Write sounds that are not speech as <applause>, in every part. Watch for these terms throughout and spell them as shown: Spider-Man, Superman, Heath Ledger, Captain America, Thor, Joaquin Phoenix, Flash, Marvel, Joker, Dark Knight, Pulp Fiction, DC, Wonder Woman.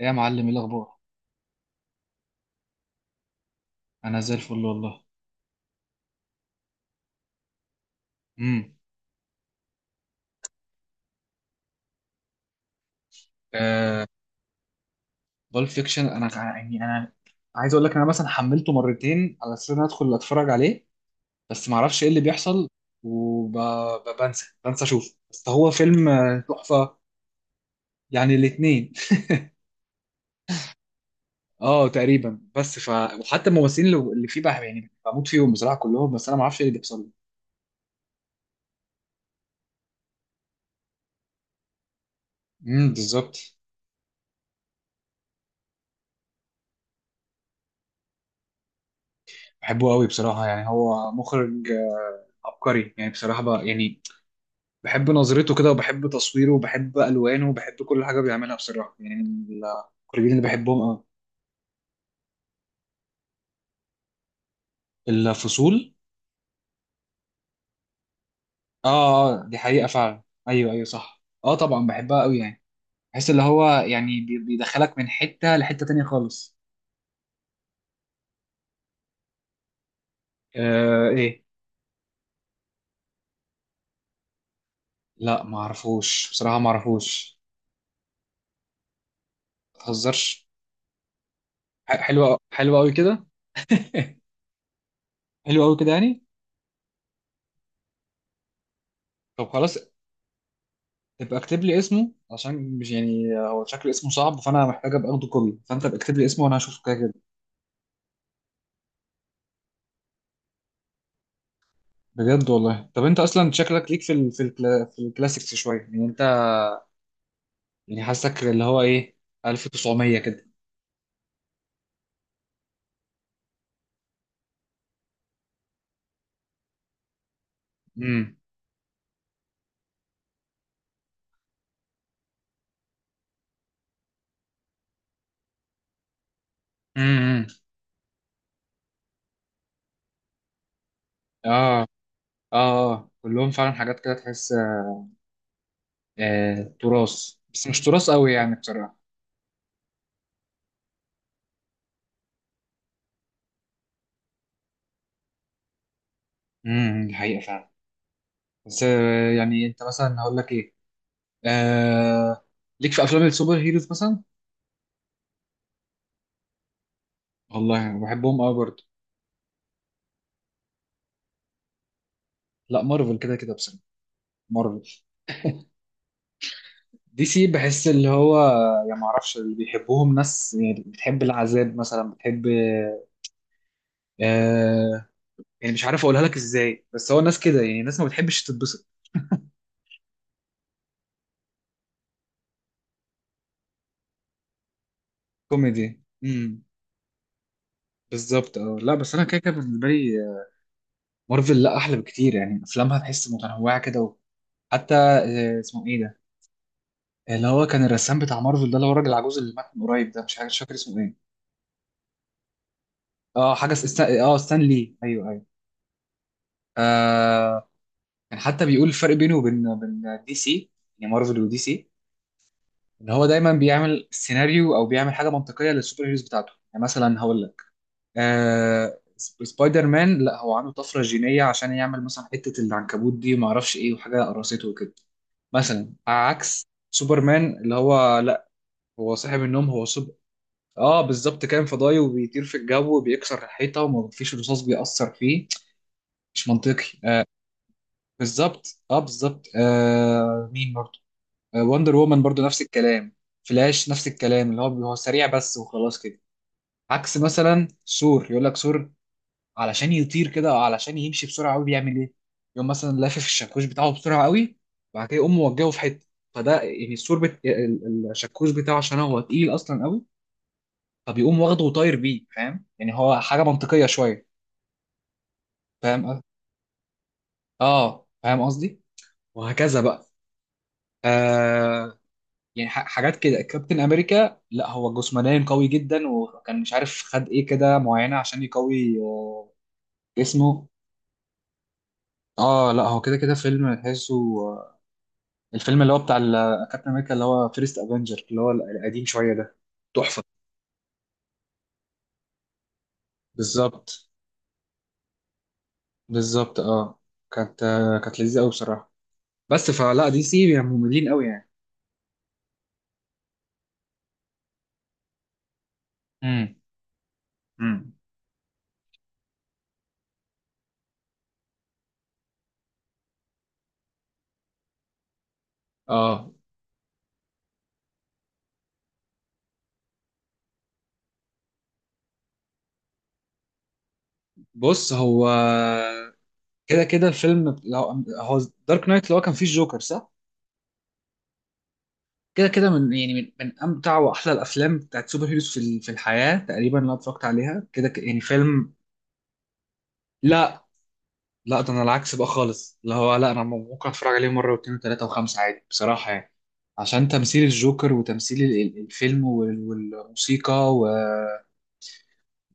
ايه يا معلم، ايه الاخبار؟ انا زي الفل والله. امم آه بول فيكشن، انا ع- يعني انا عايز اقول لك انا مثلا حملته مرتين على اساس ان أنا ادخل اتفرج عليه، بس ما اعرفش ايه اللي بيحصل. وبنسى بنسى اشوف، بس هو فيلم تحفة. يعني الاتنين. <laughs> اه تقريبا، بس ف وحتى الممثلين اللي فيه بقى يعني بموت فيهم بصراحة كلهم، بس انا ما اعرفش ايه اللي بيحصل. امم، بالظبط. بحبه قوي بصراحة، يعني هو مخرج عبقري يعني بصراحة بقى يعني. بحب نظرته كده، وبحب تصويره، وبحب الوانه، وبحب كل حاجه بيعملها بصراحه، يعني من الكوريين اللي بحبهم قوي. الفصول؟ اه. دي حقيقه فعلا، ايوه ايوه صح، اه طبعا بحبها قوي يعني. بحس اللي هو يعني بيدخلك من حته لحته تانية خالص. آه، ايه؟ لا ما اعرفوش بصراحه، ما اعرفوش. ما تهزرش. حلوه، حلوه قوي كده. حلوه قوي كده يعني. طب خلاص، ابقى اكتب لي اسمه عشان مش يعني هو شكل اسمه صعب، فانا محتاج ابقى اخده كوبي، فانت ابقى اكتب لي اسمه وانا هشوفه كده كده. بجد والله. طب انت اصلا شكلك ليك في ال في ال في الكلاسيكس شويه يعني انت. يعني حاسك اللي هو ايه، 1900 كده. امم. امم. اه اه. اه كلهم فعلا حاجات كده تحس آه تراث، بس مش تراث قوي يعني بصراحه. امم، الحقيقه فعلا. بس يعني انت مثلا هقول لك ايه، آه ليك في افلام السوبر هيروز مثلا؟ والله أنا بحبهم قوي برضه. لا مارفل كده كده بصراحه. مارفل. دي سي بحس اللي هو يعني ما اعرفش، اللي بيحبوهم ناس يعني بتحب العذاب مثلا، بتحب آه يعني مش عارف اقولها لك ازاي، بس هو ناس كده يعني ناس ما بتحبش تتبسط. كوميدي. امم، بالظبط اه. لا بس انا كده كده بالنسبه لي مارفل لا احلى بكتير، يعني افلامها تحس متنوعه كده. وحتى اسمه ايه ده، اللي هو كان الرسام بتاع مارفل ده، اللي هو الراجل العجوز اللي مات من قريب ده، مش فاكر اسمه ايه. اه حاجه اس- استا... اه ستان لي، ايوه ايوه. آه، كان حتى بيقول الفرق بينه وبين دي سي، يعني مارفل ودي سي، ان هو دايما بيعمل سيناريو او بيعمل حاجه منطقيه للسوبر هيروز بتاعته. يعني مثلا هقول لك، سبايدر مان لا، هو عنده طفره جينيه عشان يعمل مثلا حته العنكبوت دي وما اعرفش ايه، وحاجه قرصته وكده. مثلا عكس سوبرمان اللي هو لا، هو صاحب النوم، هو سوبر. اه بالظبط، كان فضائي وبيطير في الجو وبيكسر الحيطه وما فيش رصاص بيأثر فيه. مش منطقي. بالظبط اه، بالظبط. مين برضه، وندر وومن برضو نفس الكلام، فلاش نفس الكلام، اللي هو هو سريع بس وخلاص كده. عكس مثلا ثور، يقول لك ثور علشان يطير كده او علشان يمشي بسرعه قوي بيعمل ايه، يقوم مثلا لافف الشاكوش بتاعه بسرعه قوي وبعد كده يقوم موجهه في حته. فده يعني الثور الشاكوش بتاعه عشان هو تقيل اصلا قوي، فبيقوم واخده وطاير بيه. فاهم يعني، هو حاجه منطقيه شويه. فاهم، اه فاهم قصدي. وهكذا بقى. آه يعني حاجات كده، كابتن امريكا لا هو جسمانيا قوي جدا، وكان مش عارف خد ايه كده معينه عشان يقوي جسمه. اه لا هو كده كده فيلم تحسه آه، الفيلم اللي هو بتاع كابتن امريكا، اللي هو فيرست افنجر، اللي هو القديم شويه ده، تحفه. بالظبط. بالظبط اه. كانت كانت لذيذه قوي بصراحه. بس فلا، دي سي يعني مملين قوي يعني. امم. امم. اه. بص هو كده كده الفيلم، هو دارك نايت، اللي هو كان فيه الجوكر صح، كده كده من يعني من امتع واحلى الافلام بتاعت سوبر هيروز في في الحياه تقريبا اللي أنا اتفرجت عليها كده، يعني فيلم. لا لا، ده انا العكس بقى خالص اللي هو، لا انا ممكن اتفرج عليه مره واثنين وثلاثه وخمسه عادي بصراحه يعني، عشان تمثيل الجوكر وتمثيل الفيلم والموسيقى و...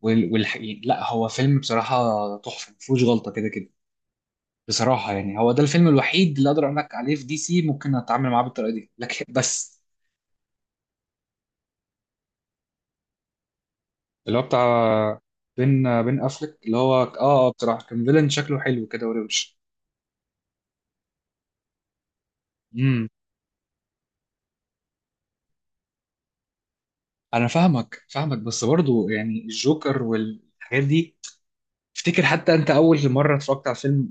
وال... والح... يعني لا هو فيلم بصراحه تحفه مفيهوش غلطه كده كده بصراحه. يعني هو ده الفيلم الوحيد اللي اقدر اقول لك عليه في دي سي، ممكن اتعامل معاه بالطريقه دي، لكن بس. اللي هو بتاع بين، افلك، اللي هو اه. اه بصراحه كان فيلن شكله حلو كده وروش. امم. انا فاهمك، بس برضو يعني الجوكر والحاجات دي. افتكر حتى انت اول مره اتفرجت على فيلم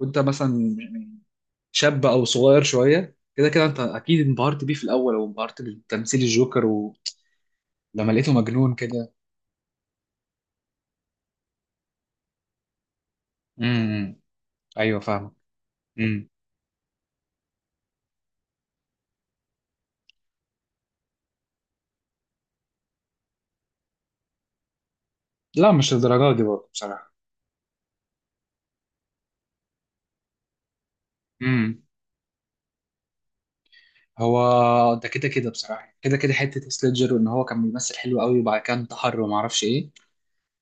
وانت مثلا يعني شاب او صغير شويه كده، كده انت اكيد انبهرت بيه في الاول، او انبهرت بتمثيل الجوكر ولما لقيته مجنون كده. امم. ايوه فاهمك. امم. لا مش الدرجات دي برضه بصراحه. هو ده كده كده بصراحة، كده كده حتة هيث ليدجر، وإن هو كان بيمثل حلو قوي وبعد كده انتحر ومعرفش إيه.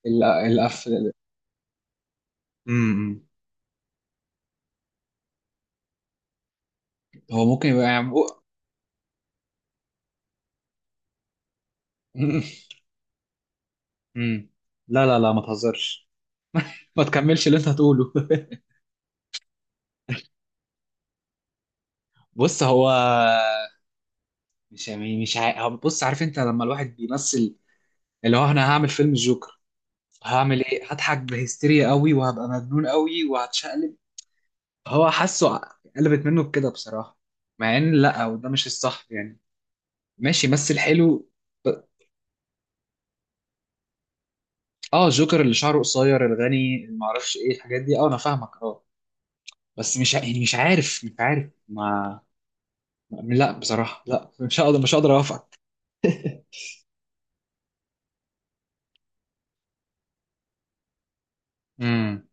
القف. امم. هو ممكن يبقى يعني. <laughs> امم. امم. لا لا لا، ما تهزرش. ما تكملش اللي أنت هتقوله. <laughs> بص هو مش يعني مش عا- هو بص، عارف أنت لما الواحد بيمثل، اللي هو أنا هعمل فيلم الجوكر، هعمل إيه؟ هضحك بهستيريا قوي وهبقى مجنون قوي وهتشقلب. هو حاسه، قلبت منه بكده بصراحة، مع إن لا، وده مش الصح يعني، ماشي بس الحلو. اه جوكر اللي شعره قصير الغني، اللي معرفش ايه الحاجات دي، اه انا فاهمك اه. بس مش ع- يعني مش عارف ما، لا بصراحة لا، مش هقدر اوافقك. <laughs> امم.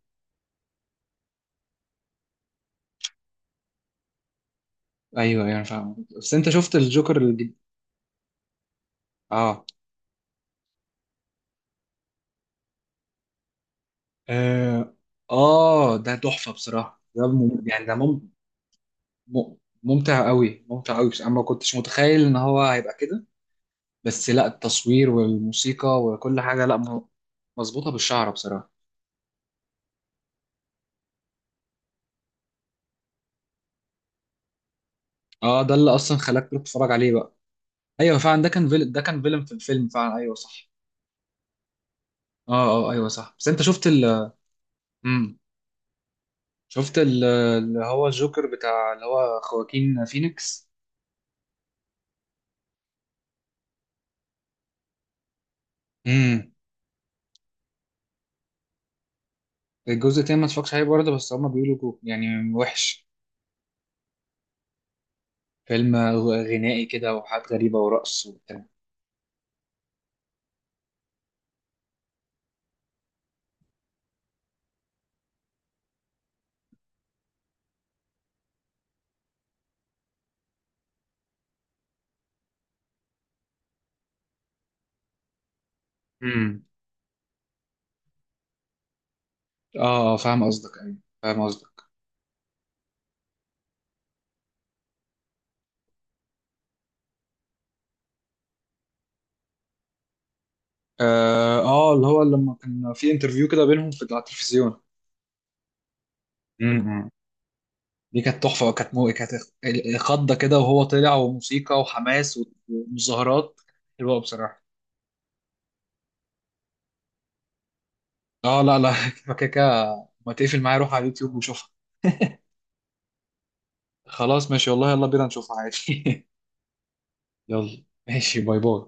ايوه ايوه انا فاهم، بس انت شفت الجوكر الجديد؟ اه. اه ده تحفة بصراحة، يعني مم- ممتع قوي، ممتع قوي، بس انا ما كنتش متخيل ان هو هيبقى كده. بس لا التصوير والموسيقى وكل حاجة، لا م- مظبوطة بالشعر بصراحة. اه ده اللي اصلا خلاك تروح تتفرج عليه بقى. ايوه فعلا، ده كان فيلم، ده كان فيلم في الفيلم فعلا، ايوه صح. اه. اه ايوه صح، بس انت شفت ال، امم. شفت اللي هو الجوكر بتاع، اللي هو خواكين فينيكس. امم. الجزء التاني ما اتفرجش عليه برضه، بس هما بيقولوا يعني وحش. فيلم غنائي كده وحاجات غريبه ورقص وبتاع. امم. اه فاهم قصدك ايوه، فاهم قصدك. اه اللي هو لما كان في انترفيو كده بينهم في على التلفزيون. امم. دي كانت تحفة، كانت خضة كده، وهو طلع وموسيقى وحماس ومظاهرات. حلوة بصراحة. اه لا لا. <laughs> فكاكا، ما تقفل معايا، روح على اليوتيوب وشوفها. خلاص ماشي والله، يلا بينا نشوفها عادي. <laughs> يلا ماشي، باي باي.